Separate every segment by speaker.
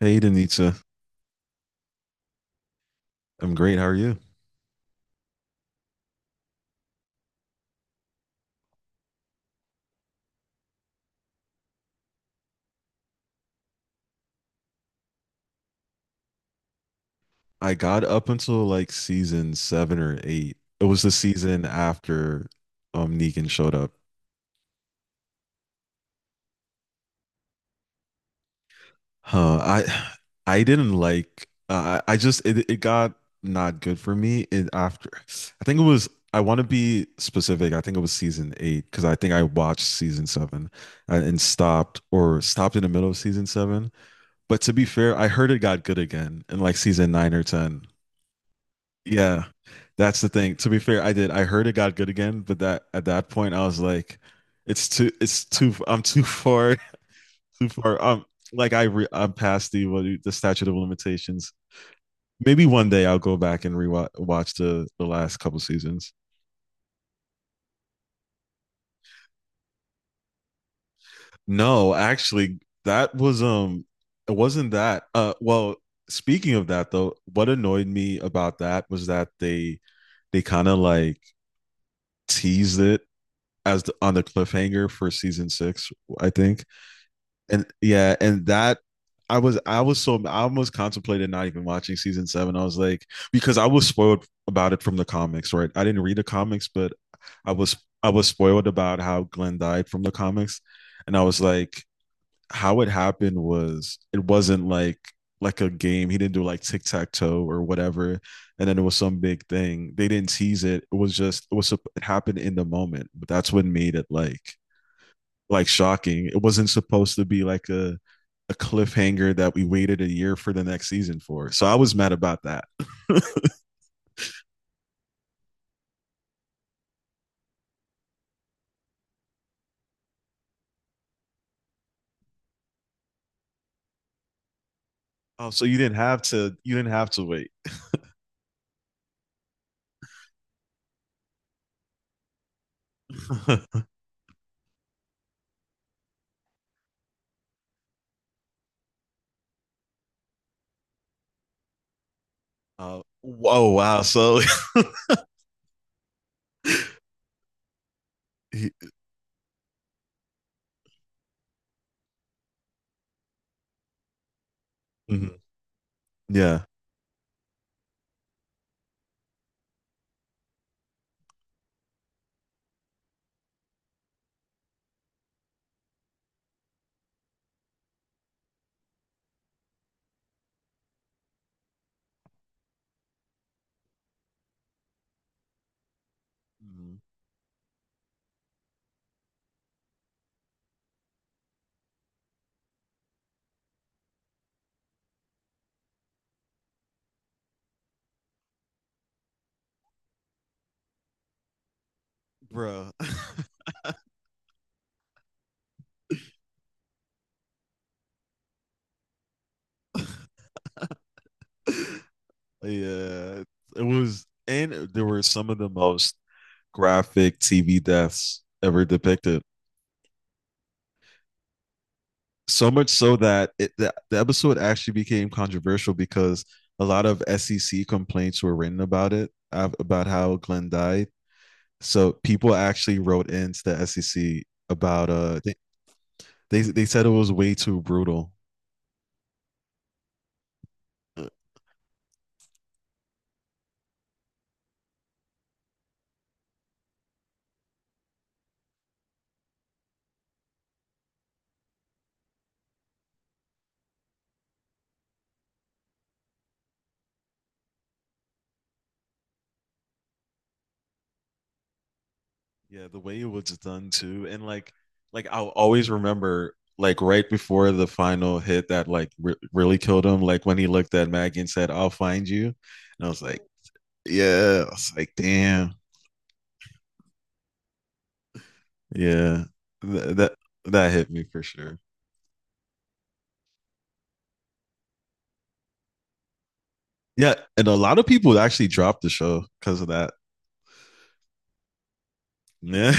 Speaker 1: Hey, Danitza. I'm great. How are you? I got up until like season seven or eight. It was the season after Negan showed up. Huh. I I didn't like I just it, it got not good for me in after I think it was I want to be specific. I think it was season eight because I think I watched season seven and stopped or stopped in the middle of season seven. But to be fair, I heard it got good again in like season nine or ten. Yeah, that's the thing. To be fair, I did. I heard it got good again, but that at that point, I was like, I'm too far, too far. Like I'm past the statute of limitations. Maybe one day I'll go back and rewatch watch the last couple seasons. No, actually, that was it wasn't that. Well, speaking of that though, what annoyed me about that was that they kind of like teased it as on the cliffhanger for season six, I think. And yeah, and that I was so I almost contemplated not even watching season seven. I was like because I was spoiled about it from the comics, right? I didn't read the comics, but I was I was spoiled about how Glenn died from the comics, and I was like, how it happened was it wasn't like a game. He didn't do like tic tac toe or whatever, and then it was some big thing. They didn't tease it. It was just it happened in the moment, but that's what made it like shocking. It wasn't supposed to be like a cliffhanger that we waited a year for the next season for. So I was mad about that. Oh, so you didn't have to. You didn't have to wait. Whoa! Wow. So, he- mhm, yeah, mm-hmm. Bro. Yeah, it was, and there were some of the most graphic TV deaths ever depicted. So much so that the episode actually became controversial because a lot of SEC complaints were written about it, about how Glenn died. So people actually wrote into the SEC about they said it was way too brutal. Yeah, the way it was done too, and like I'll always remember like right before the final hit that like really killed him. Like when he looked at Maggie and said, "I'll find you," and I was like, "Yeah," I was like, "Damn, yeah." Th- that that hit me for sure. Yeah, and a lot of people actually dropped the show because of that. Yeah,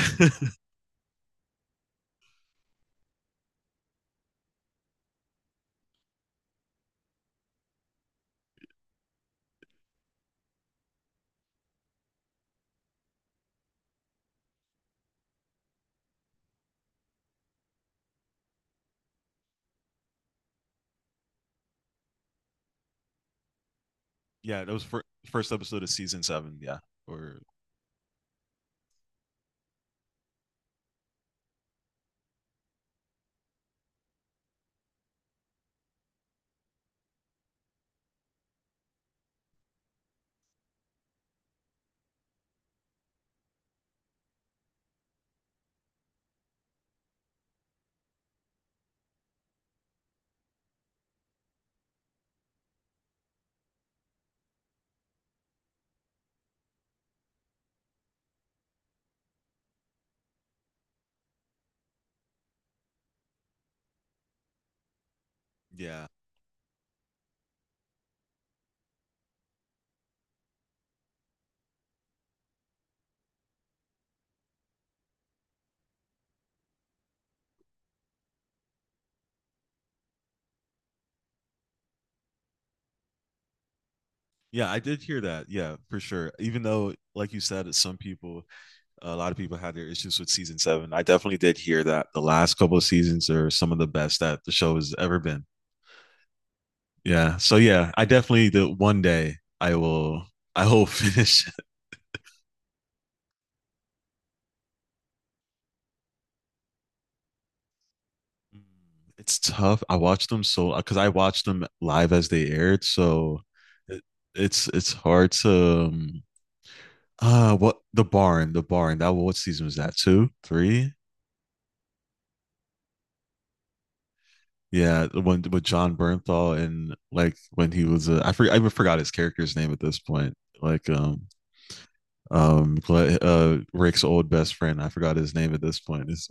Speaker 1: yeah, first episode of season seven. Yeah, or yeah. Yeah, I did hear that. Yeah, for sure. Even though, like you said, some people, a lot of people had their issues with season seven. I definitely did hear that the last couple of seasons are some of the best that the show has ever been. Yeah. So yeah, I definitely the one day I will. I will finish it. It's tough. I watched them so because I watched them live as they aired, so it, it's hard to. What the barn that what season was that, two, three? Yeah, the one with John Bernthal and like when he was a, I forget I even forgot his character's name at this point. Like Rick's old best friend. I forgot his name at this point.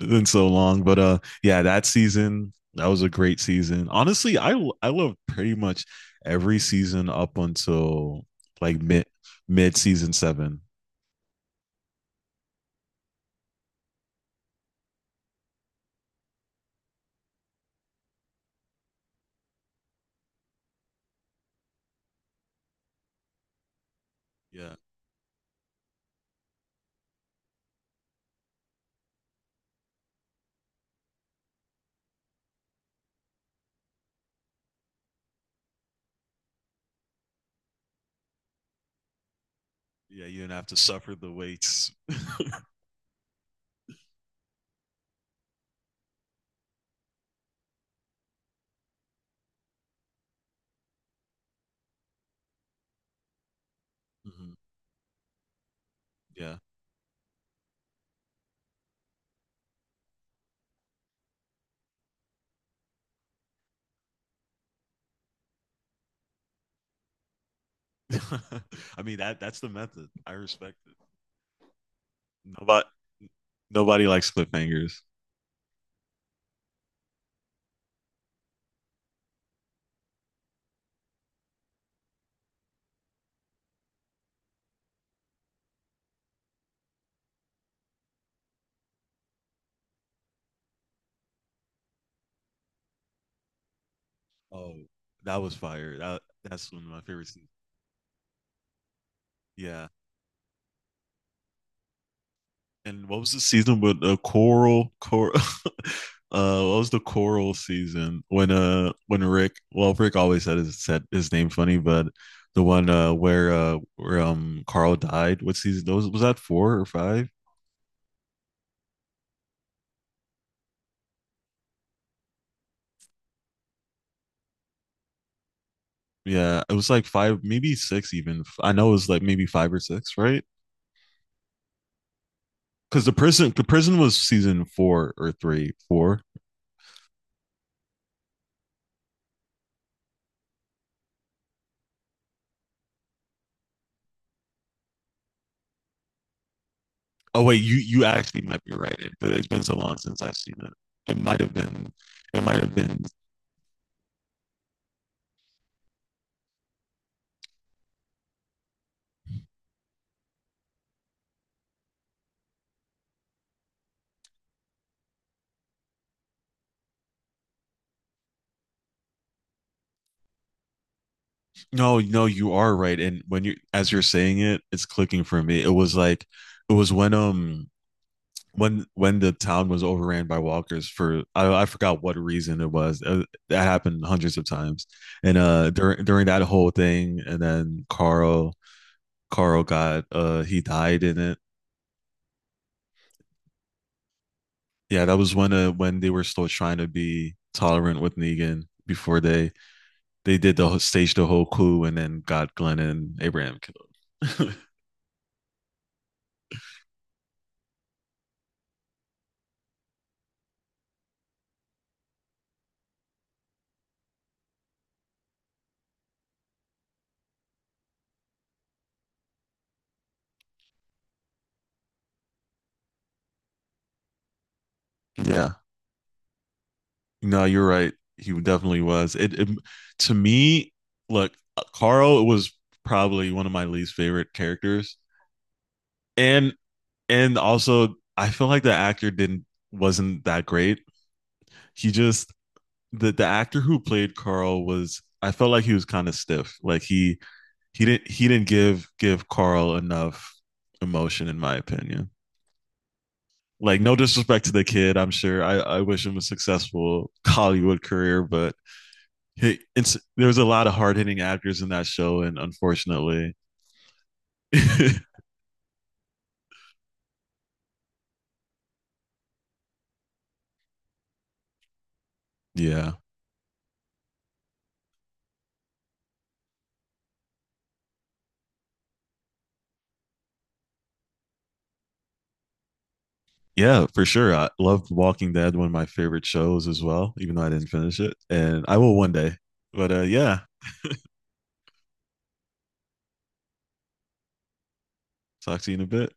Speaker 1: It's been so long, but yeah, that season that was a great season. Honestly, I love pretty much every season up until like mid season 7. Yeah. Yeah, you didn't have to suffer the waits. Mhm. Yeah. I mean that that's the method. I respect it. Nobody Nobody likes cliffhangers. Oh, that was fire. That's one of my favorite scenes. Yeah. And what was the season with the coral what was the coral season when Rick well Rick always said his name funny, but the one where Carl died, what season those was that four or five? Yeah, it was like five, maybe six even. I know it was like maybe five or six, right? Because the prison was season four or three, four. Oh wait, you actually might be right, but it's been so long since I've seen it. It might have been. It might have been. No, no, you are right. And when you as you're saying it, it's clicking for me. It was like it was when the town was overran by walkers for I forgot what reason it was. That happened hundreds of times. And during that whole thing, and then Carl got he died in it. Yeah, that was when they were still trying to be tolerant with Negan before they did the whole, staged the whole coup and then got Glenn and Abraham killed. Yeah, no, you're right. He definitely was. It to me, look, Carl was probably one of my least favorite characters, and and also I feel like the actor didn't wasn't that great. He just the actor who played Carl was I felt like he was kind of stiff. Like he didn't give give Carl enough emotion in my opinion. Like no disrespect to the kid, I'm sure I wish him a successful Hollywood career but there's a lot of hard-hitting actors in that show and unfortunately yeah. Yeah, for sure, I loved Walking Dead, one of my favorite shows as well, even though I didn't finish it, and I will one day, but yeah, talk to you in a bit.